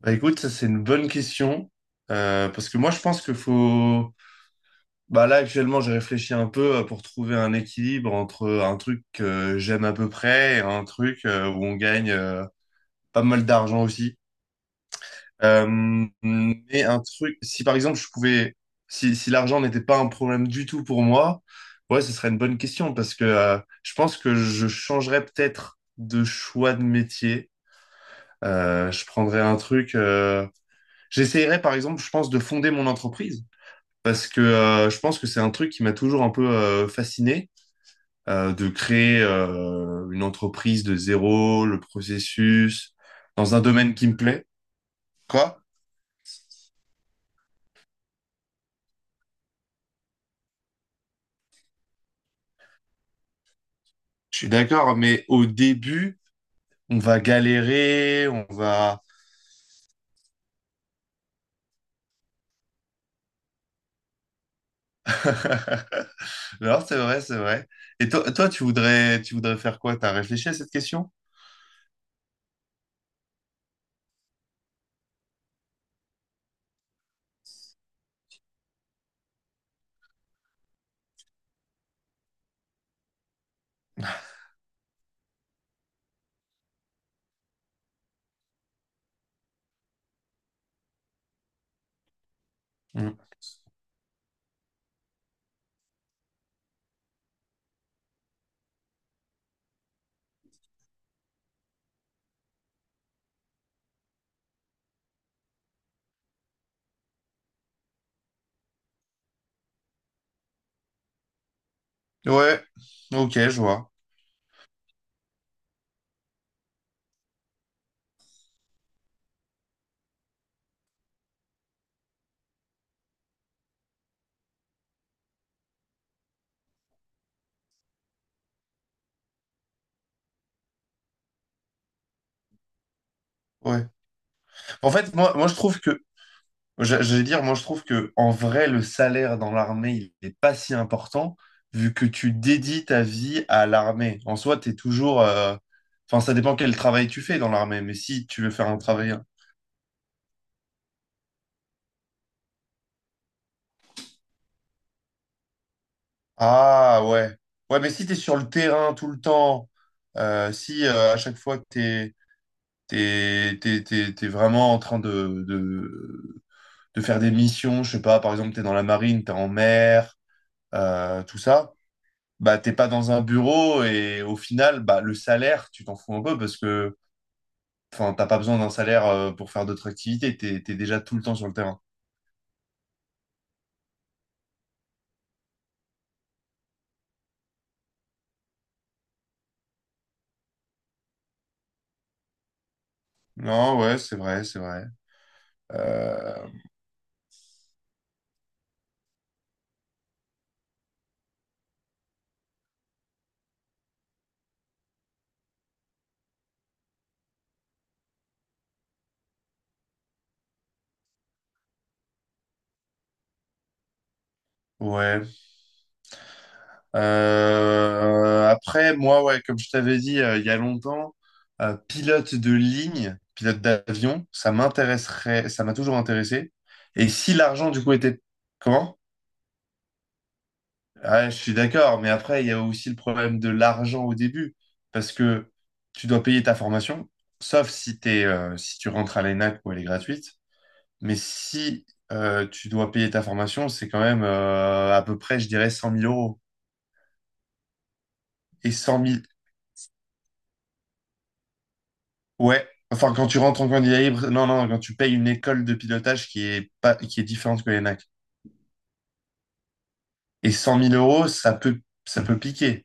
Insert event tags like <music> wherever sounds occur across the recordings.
Bah écoute, ça c'est une bonne question. Parce que moi je pense qu'il faut... Bah là actuellement j'ai réfléchi un peu pour trouver un équilibre entre un truc que j'aime à peu près et un truc où on gagne pas mal d'argent aussi. Mais un truc, si par exemple je pouvais... Si l'argent n'était pas un problème du tout pour moi, ouais ce serait une bonne question parce que je pense que je changerais peut-être de choix de métier. Je prendrais un truc... J'essayerais, par exemple, je pense, de fonder mon entreprise parce que je pense que c'est un truc qui m'a toujours un peu fasciné, de créer une entreprise de zéro, le processus, dans un domaine qui me plaît. Quoi? Je suis d'accord, mais au début, on va galérer, on va... <laughs> Alors, c'est vrai, c'est vrai. Et toi, toi, tu voudrais faire quoi? T'as réfléchi à cette question? Mm. Ouais, ok, je vois. Ouais. En fait, moi, moi, je trouve que. Je vais dire, moi, je trouve que en vrai, le salaire dans l'armée, il n'est pas si important vu que tu dédies ta vie à l'armée. En soi, tu es toujours, enfin, ça dépend quel travail tu fais dans l'armée, mais si tu veux faire un travail. Ah ouais. Ouais, mais si tu es sur le terrain tout le temps, si à chaque fois que t'es vraiment en train de faire des missions, je sais pas, par exemple, t'es dans la marine, t'es en mer, tout ça. Bah, t'es pas dans un bureau et au final, bah, le salaire, tu t'en fous un peu parce que, enfin, t'as pas besoin d'un salaire pour faire d'autres activités, t'es déjà tout le temps sur le terrain. Non, ouais, c'est vrai, c'est vrai. Euh, ouais. Après, moi, ouais, comme je t'avais dit il y a longtemps, pilote de ligne, pilote d'avion, ça m'intéresserait, ça m'a toujours intéressé. Et si l'argent, du coup, était... Comment? Ah, je suis d'accord, mais après, il y a aussi le problème de l'argent au début, parce que tu dois payer ta formation, sauf si t'es, si tu rentres à l'ENAC où elle est gratuite. Mais si, tu dois payer ta formation, c'est quand même, à peu près, je dirais, 100 000 euros. Et 100 000, ouais. Enfin, quand tu rentres en candidat libre, non, non, quand tu payes une école de pilotage qui est pas, qui est différente que l'ENAC. Et 100 000 euros, ça peut piquer.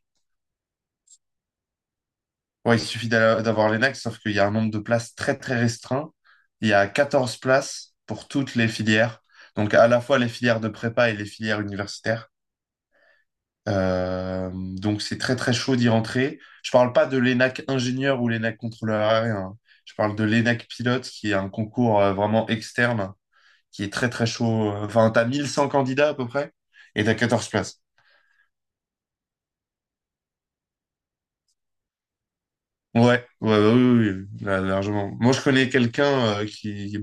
Ouais, il suffit d'avoir l'ENAC, sauf qu'il y a un nombre de places très très restreint. Il y a 14 places pour toutes les filières, donc à la fois les filières de prépa et les filières universitaires. Donc c'est très très chaud d'y rentrer. Je parle pas de l'ENAC ingénieur ou l'ENAC contrôleur aérien, hein. Je parle de l'ENAC pilote qui est un concours vraiment externe qui est très très chaud. Enfin, t'as 1 100 candidats à peu près et t'as 14 places. Ouais, ouais, ouais, oui, oui, oui, là, largement. Moi, je connais quelqu'un euh, qui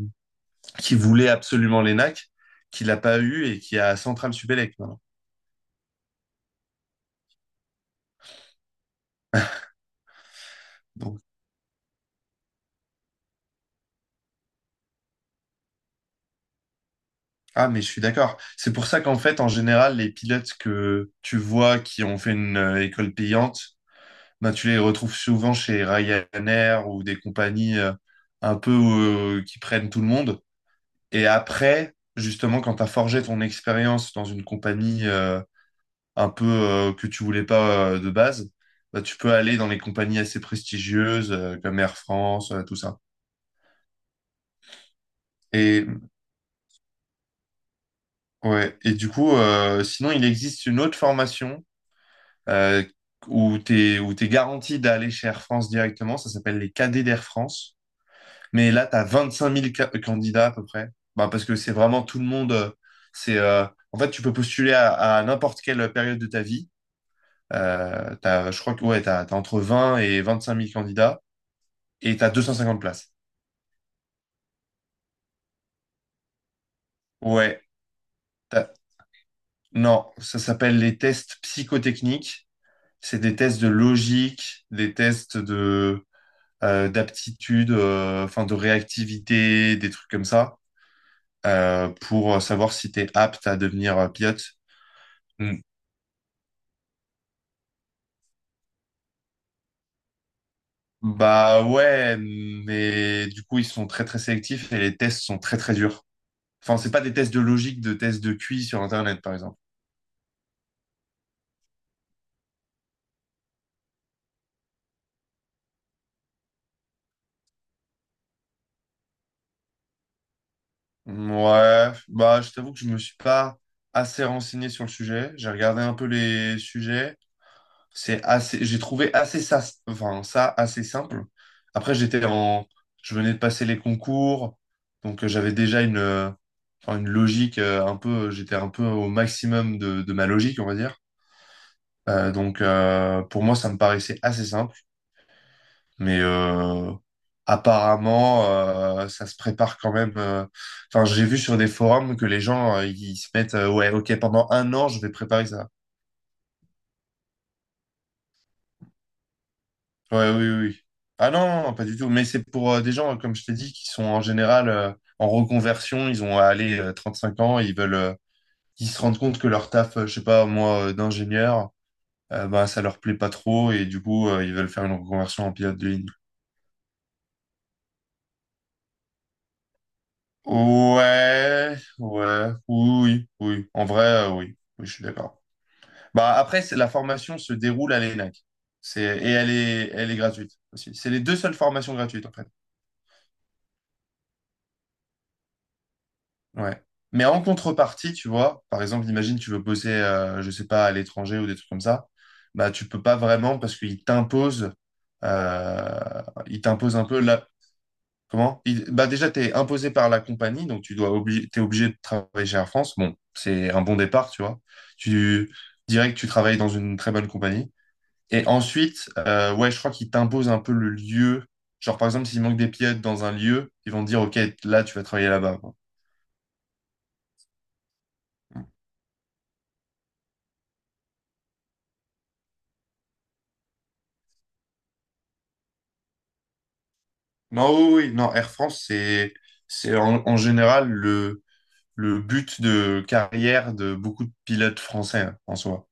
qui voulait absolument l'ENAC, qui l'a pas eu et qui a Central Supélec maintenant. Donc, ah, mais je suis d'accord. C'est pour ça qu'en fait, en général, les pilotes que tu vois qui ont fait une école payante, ben, tu les retrouves souvent chez Ryanair ou des compagnies un peu qui prennent tout le monde. Et après, justement, quand tu as forgé ton expérience dans une compagnie un peu que tu voulais pas de base, bah, tu peux aller dans les compagnies assez prestigieuses comme Air France, tout ça. Et ouais, et du coup, sinon, il existe une autre formation euh, où t'es garanti d'aller chez Air France directement. Ça s'appelle les cadets d'Air France. Mais là, t'as 25 000 candidats à peu près. Bah, parce que c'est vraiment tout le monde. C'est, euh, en fait, tu peux postuler à n'importe quelle période de ta vie. T'as, je crois que ouais, t'as entre 20 000 et 25 000 candidats et t'as 250 places. Ouais, t'as- non, ça s'appelle les tests psychotechniques. C'est des tests de logique, des tests de d'aptitude, enfin de réactivité, des trucs comme ça, pour savoir si t'es apte à devenir pilote. Mm. Bah ouais, mais du coup ils sont très très sélectifs et les tests sont très très durs. Enfin c'est pas des tests de logique, de tests de QI sur Internet par exemple. Ouais, bah je t'avoue que je me suis pas assez renseigné sur le sujet. J'ai regardé un peu les sujets. C'est assez, j'ai trouvé assez ça, enfin, ça assez simple. Après, j'étais en, je venais de passer les concours, donc j'avais déjà une, enfin, une logique un peu, j'étais un peu au maximum de ma logique, on va dire. Pour moi, ça me paraissait assez simple, mais apparemment, ça se prépare quand même. Enfin, j'ai vu sur des forums que les gens, ils se mettent, ouais, ok, pendant un an, je vais préparer ça. Ouais, oui, oui. Oui. Ah non, non, non, pas du tout. Mais c'est pour des gens, comme je t'ai dit, qui sont en général en reconversion. Ils ont à aller 5 ans et ils veulent, ils se rendent compte que leur taf, je sais pas, moi, d'ingénieur, bah, ça leur plaît pas trop et du coup, ils veulent faire une reconversion en pilote de ligne. Ouais, ouais, oui, oui. Oui. En vrai, oui. Oui, je suis d'accord. Bah, après, la formation se déroule à l'ENAC. Et elle est gratuite aussi. C'est les deux seules formations gratuites, en. Ouais. Mais en contrepartie, tu vois, par exemple, imagine tu veux bosser, je sais pas, à l'étranger ou des trucs comme ça, bah tu peux pas vraiment parce qu'euh, ils t'imposent un peu là. Comment? Bah déjà, t'es imposé par la compagnie, donc tu dois t'es obligé de travailler chez Air France. Bon, c'est un bon départ, tu vois. Tu, direct, tu travailles dans une très bonne compagnie. Et ensuite, ouais, je crois qu'ils t'imposent un peu le lieu. Genre, par exemple, s'il manque des pilotes dans un lieu, ils vont te dire, OK, là, tu vas travailler là-bas, quoi. Non, oui, oui, non, Air France, c'est en général le but de carrière de beaucoup de pilotes français, hein, en soi.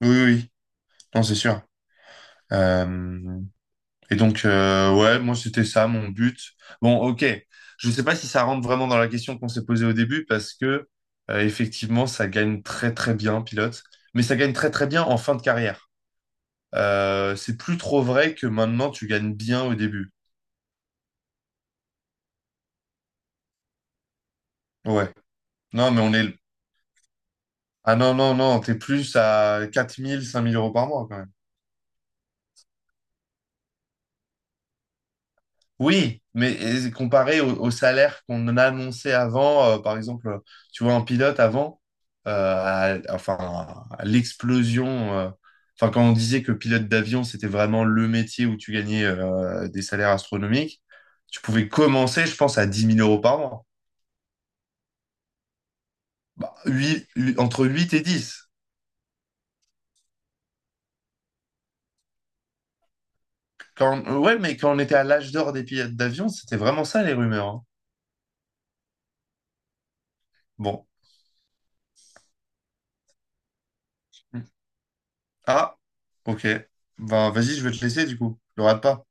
Oui, oui, oui. Non, c'est sûr. Euh, et donc, ouais, moi, c'était ça mon but. Bon, ok. Je ne sais pas si ça rentre vraiment dans la question qu'on s'est posée au début parce que, effectivement, ça gagne très, très bien, pilote. Mais ça gagne très, très bien en fin de carrière. C'est plus trop vrai que maintenant, tu gagnes bien au début. Ouais. Non, mais on est. Ah non, non, non, t'es plus à quatre mille cinq mille euros par mois quand même. Oui, mais et comparé au salaire qu'on annonçait avant, par exemple, tu vois, un pilote avant, enfin, à l'explosion, euh, enfin, quand on disait que pilote d'avion, c'était vraiment le métier où tu gagnais des salaires astronomiques, tu pouvais commencer, je pense, à 10 000 euros par mois. Bah, entre 8 et 10. Quand, ouais, mais quand on était à l'âge d'or des pilotes d'avion, c'était vraiment ça les rumeurs, hein. Bon. Ah, ok. Ben, vas-y, je vais te laisser du coup. Ne rate pas.